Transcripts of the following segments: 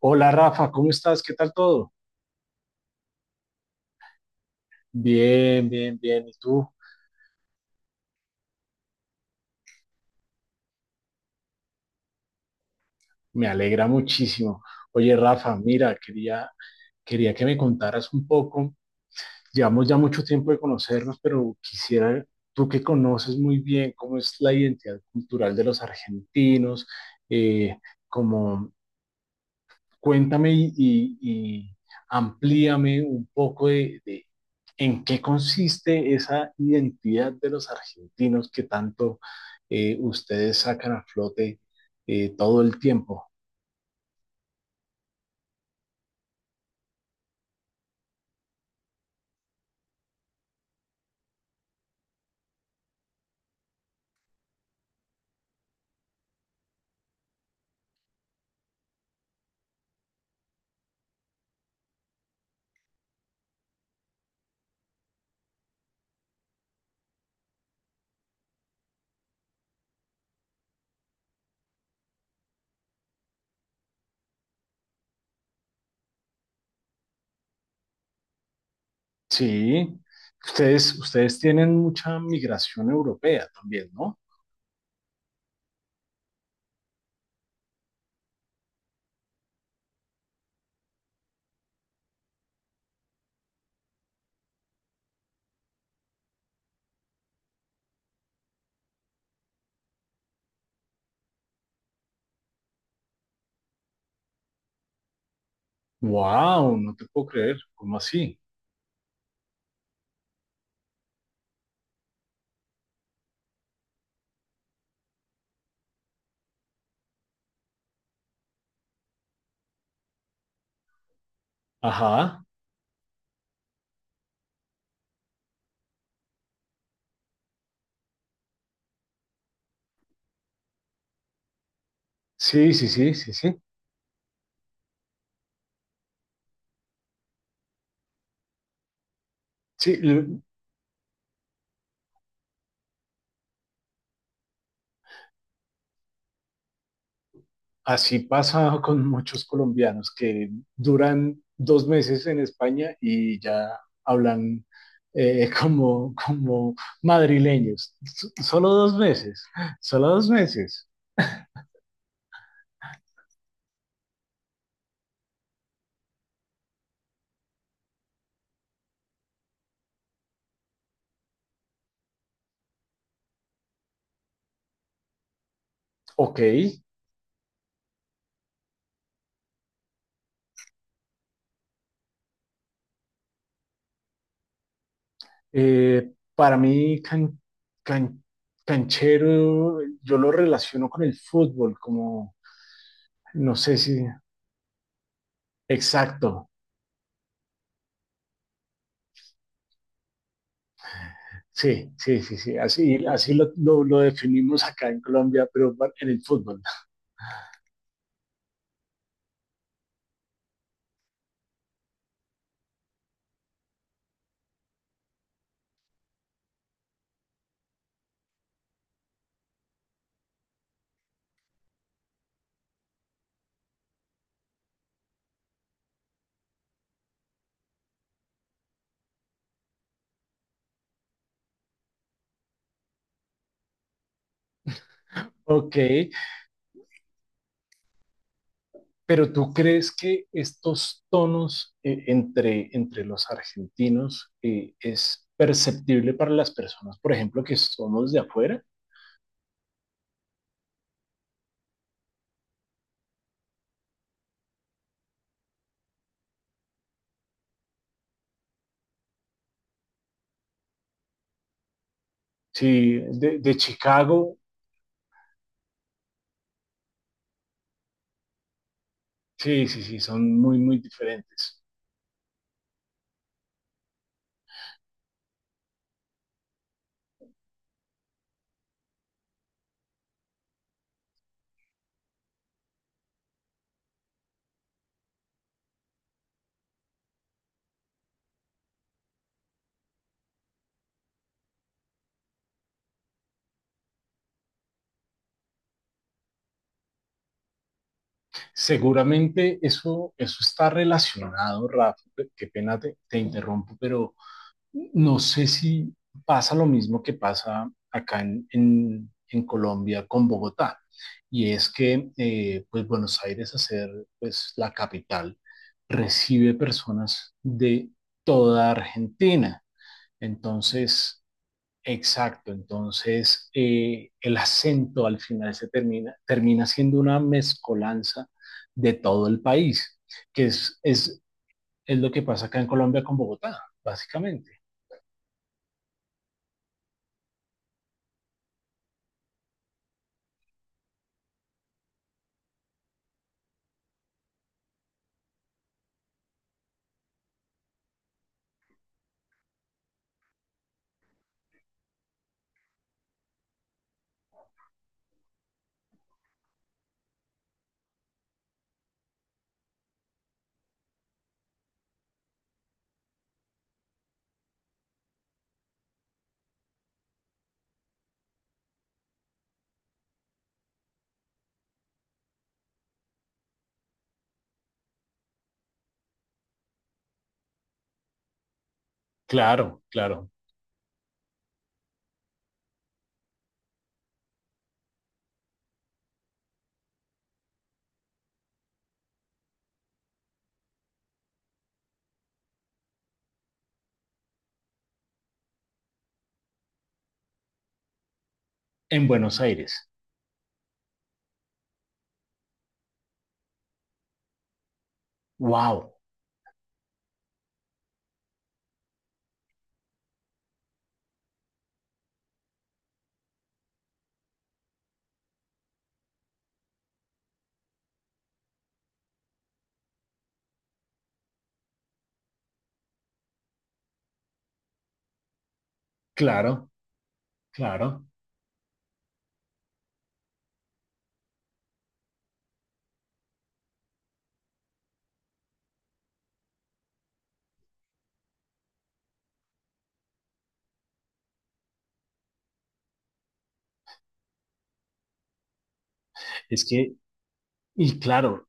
Hola Rafa, ¿cómo estás? ¿Qué tal todo? Bien, bien, bien. ¿Y tú? Me alegra muchísimo. Oye Rafa, mira, quería que me contaras un poco. Llevamos ya mucho tiempo de conocernos, pero quisiera, tú que conoces muy bien cómo es la identidad cultural de los argentinos, eh, como cuéntame y amplíame un poco de en qué consiste esa identidad de los argentinos que tanto ustedes sacan a flote todo el tiempo. Sí, ustedes tienen mucha migración europea también, ¿no? Wow, no te puedo creer, ¿cómo así? Ajá, sí, sí, sí, sí, sí. Sí, así pasa con muchos colombianos que duran dos meses en España y ya hablan como madrileños. Solo dos meses, solo dos meses. Ok, para mí can- canchero yo lo relaciono con el fútbol, como no sé si... Exacto. Sí, sí, sí, sí, así, así lo definimos acá en Colombia, pero en el fútbol. Ok, pero tú crees que estos tonos entre los argentinos ¿es perceptible para las personas, por ejemplo, que somos de afuera? Sí, de Chicago, sí, sí, sí, son muy, muy diferentes. Seguramente eso, eso está relacionado, Rafa, qué pena te interrumpo, pero no sé si pasa lo mismo que pasa acá en Colombia con Bogotá, y es que pues Buenos Aires, a ser pues, la capital, recibe personas de toda Argentina. Entonces, exacto, entonces el acento al final termina siendo una mezcolanza de todo el país, que es, es, es lo que pasa acá en Colombia con Bogotá, básicamente. Claro, claro. En Buenos Aires. Wow, claro, claro. Es que, y claro,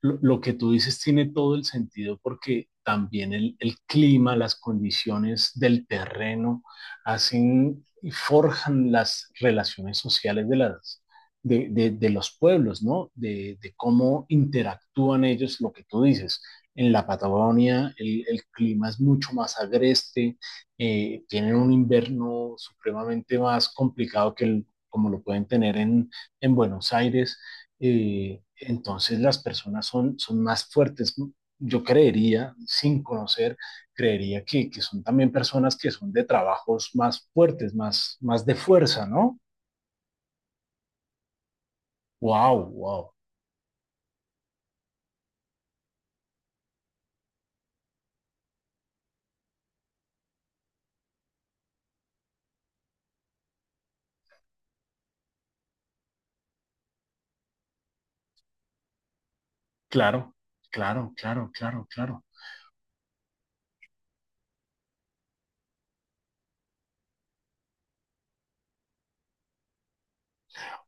lo que tú dices tiene todo el sentido porque también el clima, las condiciones del terreno hacen y forjan las relaciones sociales de las, de los pueblos, ¿no? De cómo interactúan ellos, lo que tú dices. En la Patagonia el clima es mucho más agreste, tienen un invierno supremamente más complicado que el, como lo pueden tener en Buenos Aires entonces las personas son, son más fuertes. ¿No? Yo creería, sin conocer, creería que son también personas que son de trabajos más fuertes, más, más de fuerza, ¿no? Wow, wow. Claro, claro, claro, claro, claro.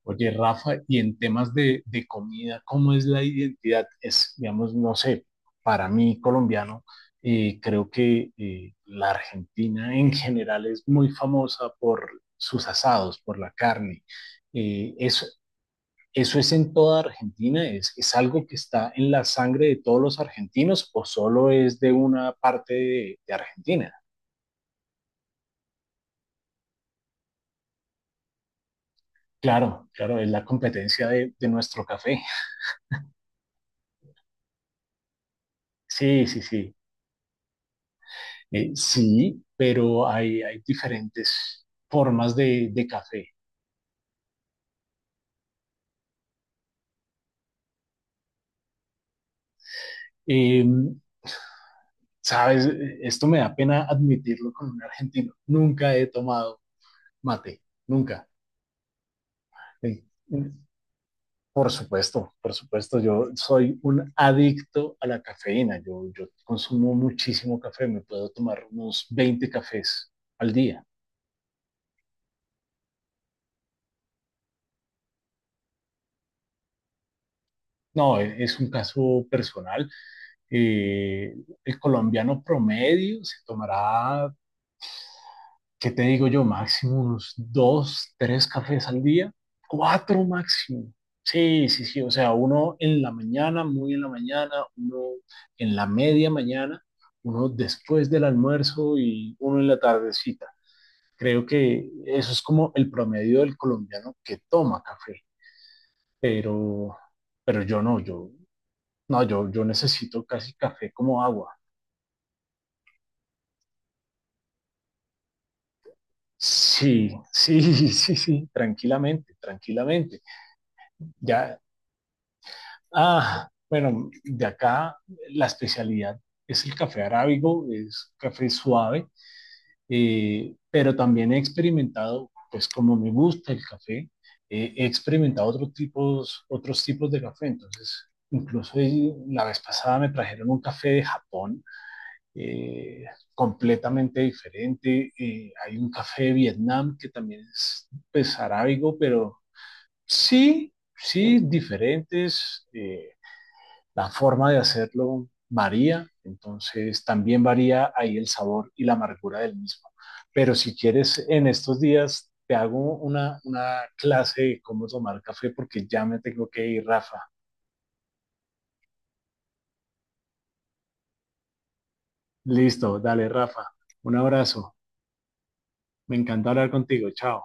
Oye, Rafa, y en temas de comida, ¿cómo es la identidad? Es, digamos, no sé, para mí colombiano, creo que la Argentina en general es muy famosa por sus asados, por la carne. Eso, ¿eso es en toda Argentina? Es algo que está en la sangre de todos los argentinos o solo es de una parte de Argentina? Claro, claro, es la competencia de nuestro café. Sí, sí, sí. Sí, pero hay diferentes formas de café. Eh, sabes, esto me da pena admitirlo con un argentino. Nunca he tomado mate, nunca. Eh, por supuesto, yo soy un adicto a la cafeína. Yo consumo muchísimo café, me puedo tomar unos 20 cafés al día. No, es un caso personal. Eh, el colombiano promedio se tomará ¿qué te digo yo? Máximo unos dos, tres cafés al día, cuatro máximo. Sí, sí, sí, o sea, uno en la mañana, muy en la mañana, uno en la media mañana, uno después del almuerzo y uno en la tardecita. Creo que eso es como el promedio del colombiano que toma café, pero, pero yo no, yo, no, yo necesito casi café como agua. Sí, sí, sí, sí, tranquilamente, tranquilamente. Ya, ah, bueno, de acá la especialidad es el café arábigo, es café suave, pero también he experimentado, pues como me gusta el café, he experimentado otros tipos de café. Entonces, incluso la vez pasada me trajeron un café de Japón, eh, completamente diferente. Hay un café de Vietnam que también es, pues, arábigo, pero sí, sí, diferentes. Eh, la forma de hacerlo varía, entonces también varía ahí el sabor y la amargura del mismo. Pero si quieres, en estos días te hago una clase de cómo tomar café porque ya me tengo que ir, Rafa. Listo, dale, Rafa. Un abrazo. Me encanta hablar contigo. Chao.